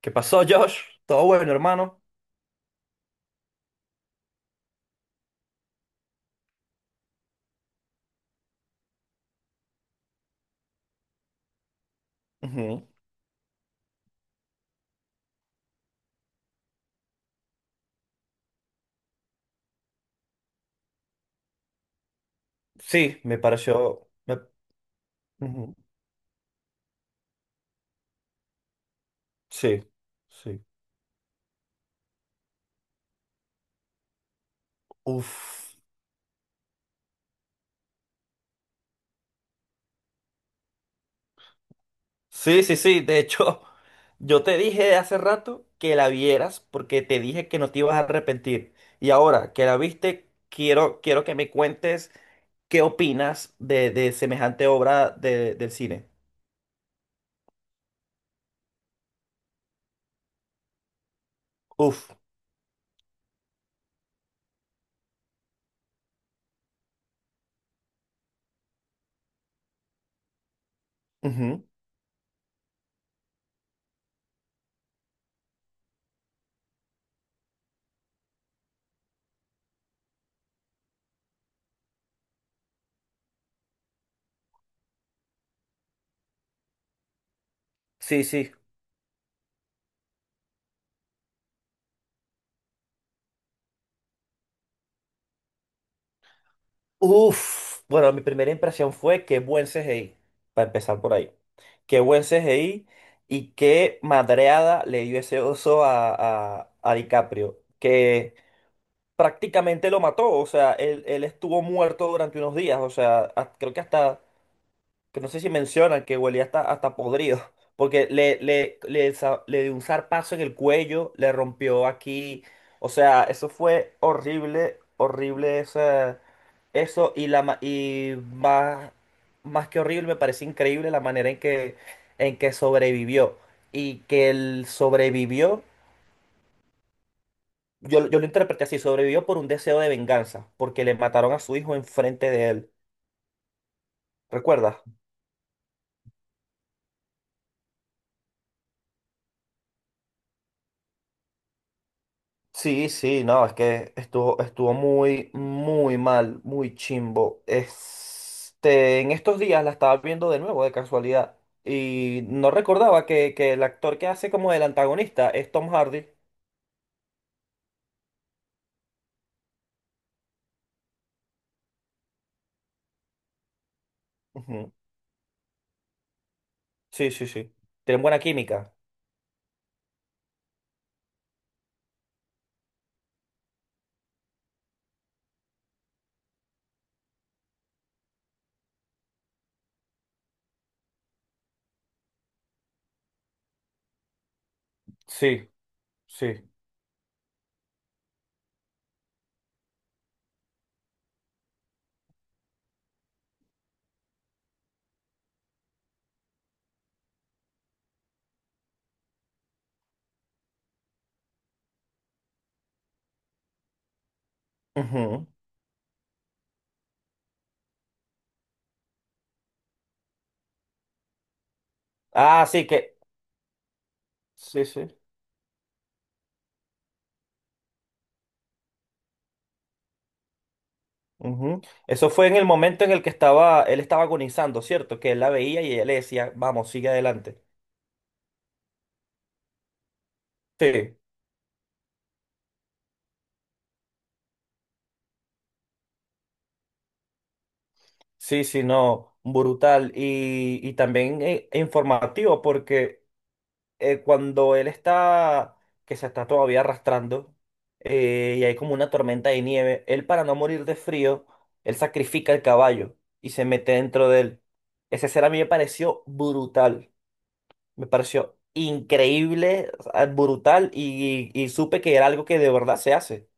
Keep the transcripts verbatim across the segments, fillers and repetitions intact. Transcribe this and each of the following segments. ¿Qué pasó, Josh? Todo bueno, hermano. Ujú. Sí, me pareció. Me- ujú. Sí, sí. Uf. Sí, sí, sí. De hecho, yo te dije de hace rato que la vieras porque te dije que no te ibas a arrepentir. Y ahora que la viste, quiero, quiero que me cuentes qué opinas de, de semejante obra de- del cine. Uf. Ujú. Sí, sí. Uf, bueno, mi primera impresión fue qué buen C G I, para empezar por ahí. Qué buen C G I y qué madreada le dio ese oso a, a, a DiCaprio, que prácticamente lo mató. O sea, él, él estuvo muerto durante unos días. O sea, ha- creo que hasta que no sé si mencionan que huelía hasta, hasta podrido, porque le, le, le, sa- le dio un zarpazo en el cuello, le rompió aquí. O sea, eso fue horrible, horrible esa- eso, y, la, ma- Y más, más que horrible, me parece increíble la manera en que, en que sobrevivió, y que él sobrevivió. Yo, yo lo interpreté así, sobrevivió por un deseo de venganza, porque le mataron a su hijo enfrente de él, ¿recuerdas? Sí, sí, no, es que estuvo, estuvo muy, muy mal, muy chimbo. Este, en estos días la estaba viendo de nuevo de casualidad y no recordaba que, que el actor que hace como el antagonista es Tom Hardy. Ujú. Sí, sí, sí. Tienen buena química. Sí, sí. Ujú. Ah, sí, que... Sí, sí. Ujú. Eso fue en el momento en el que estaba, él estaba agonizando, ¿cierto? Que él la veía y ella le decía, vamos, sigue adelante. Sí. Sí, sí, no, brutal y, y también eh, informativo porque eh, cuando él está, que se está todavía arrastrando eh, y hay como una tormenta de nieve, él, para no morir de frío, él sacrifica el caballo y se mete dentro de él. Esa escena a mí me pareció brutal, me pareció increíble. O sea, brutal y, y- y supe que era algo que de verdad se hace.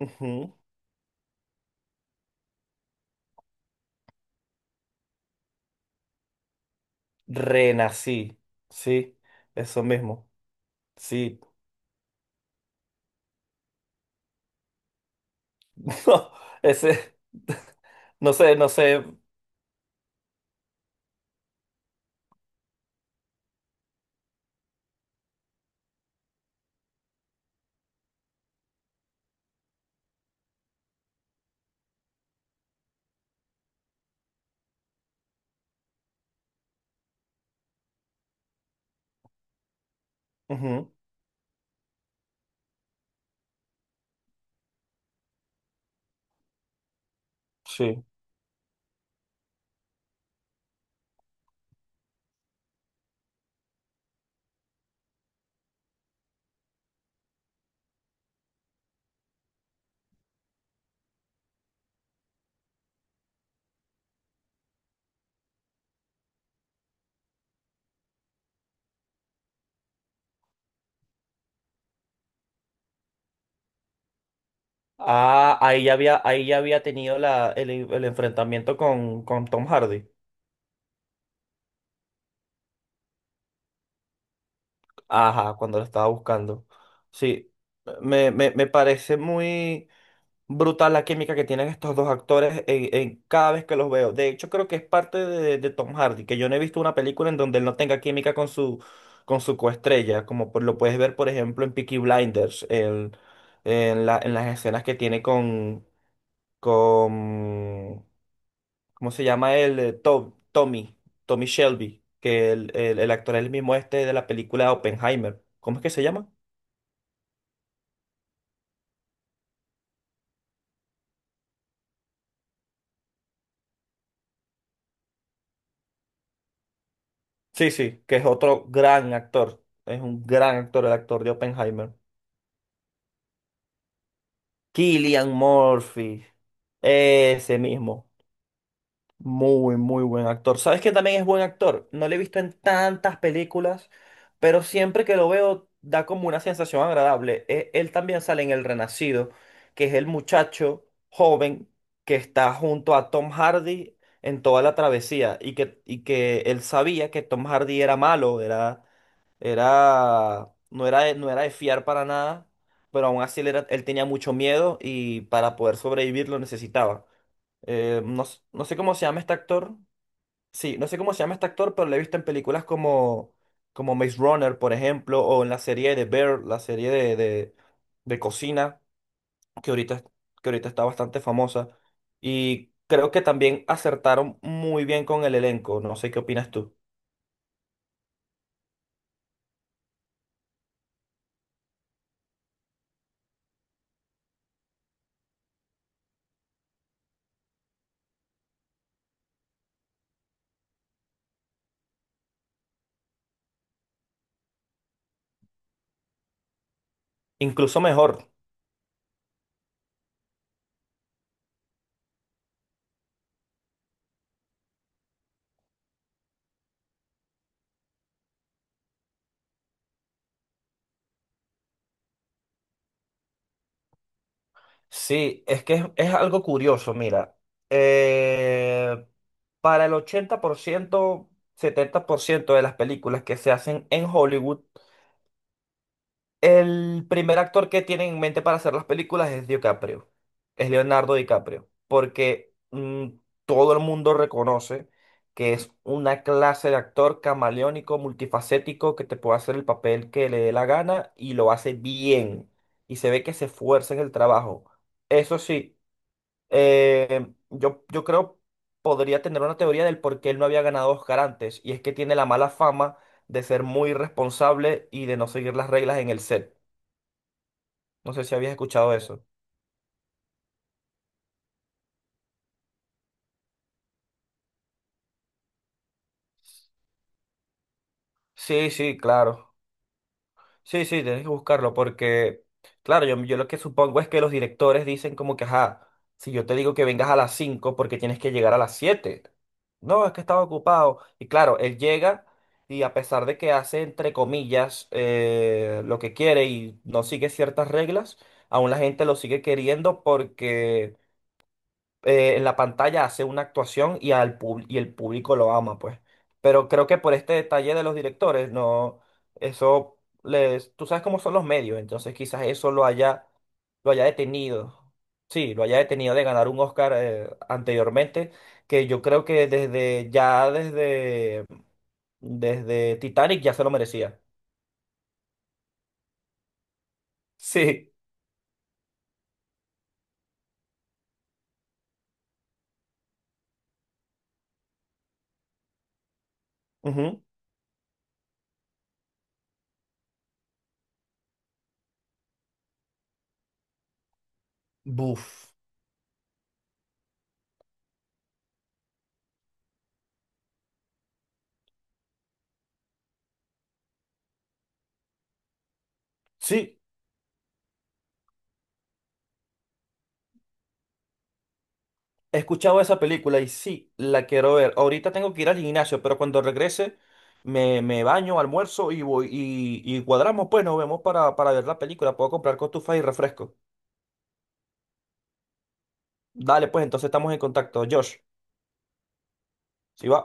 Ujú. Renací, sí, eso mismo, sí. No, ese, no sé, no sé. Ujú, sí. Ah, ahí ya había, ahí ya había tenido la, el, el enfrentamiento con, con Tom Hardy. Ajá, cuando lo estaba buscando. Sí, me, me, me parece muy... brutal la química que tienen estos dos actores en, en cada vez que los veo. De hecho, creo que es parte de, de Tom Hardy, que yo no he visto una película en donde él no tenga química con su, con su coestrella, como por- lo puedes ver, por ejemplo, en Peaky Blinders, el- en la- en las escenas que tiene con, con, ¿cómo se llama él? Eh, To- Tommy, Tommy Shelby, que el, el, el actor es el mismo este de la película Oppenheimer. ¿Cómo es que se llama? Sí, sí, que es otro gran actor. Es un gran actor, el actor de Oppenheimer. Killian Murphy. Ese mismo. Muy, muy buen actor. ¿Sabes que también es buen actor? No lo he visto en tantas películas, pero siempre que lo veo da como una sensación agradable. E- Él también sale en El Renacido, que es el muchacho joven que está junto a Tom Hardy en toda la travesía, y que, y que él sabía que Tom Hardy era malo, era era, no era de, no era de fiar para nada, pero aún así él, era- él tenía mucho miedo y para poder sobrevivir lo necesitaba. Eh, no, s- no sé cómo se llama este actor. Sí, no sé cómo se llama este actor, pero lo he visto en películas como, como Maze Runner, por ejemplo, o en la serie de Bear, la serie de, de, de cocina, que ahorita, que ahorita está bastante famosa. Y creo que también acertaron muy bien con el elenco. No sé qué opinas tú. Incluso mejor. Sí, es que es, es algo curioso, mira. eh, para el ochenta por ciento, setenta por ciento de las películas que se hacen en Hollywood, el primer actor que tienen en mente para hacer las películas es DiCaprio, es Leonardo DiCaprio, porque mm, todo el mundo reconoce que es una clase de actor camaleónico, multifacético, que te puede hacer el papel que le dé la gana y lo hace bien. Y se ve que se esfuerza en el trabajo. Eso sí, eh, yo, yo creo podría tener una teoría del por qué él no había ganado Oscar antes, y es que tiene la mala fama de ser muy irresponsable y de no seguir las reglas en el set. No sé si habías escuchado eso. Sí, sí, claro. Sí, sí, tienes que buscarlo porque, claro, yo, yo lo que supongo es que los directores dicen como que, ajá, si yo te digo que vengas a las cinco porque tienes que llegar a las siete. No, es que estaba ocupado. Y claro, él llega, y a pesar de que hace, entre comillas, eh, lo que quiere y no sigue ciertas reglas, aún la gente lo sigue queriendo porque eh, en la pantalla hace una actuación, y al pub- y el público lo ama, pues. Pero creo que por este detalle de los directores, no, eso les, tú sabes cómo son los medios, entonces quizás eso lo haya, lo haya detenido. Sí, lo haya detenido de ganar un Oscar eh, anteriormente, que yo creo que desde ya desde desde Titanic ya se lo merecía. Sí. Ujú. Buf. Sí, he escuchado esa película y sí, la quiero ver. Ahorita tengo que ir al gimnasio, pero cuando regrese me, me baño, almuerzo y voy, y, y cuadramos, pues nos vemos para, para ver la película. Puedo comprar cotufas y refresco. Dale, pues entonces estamos en contacto. Josh, si va.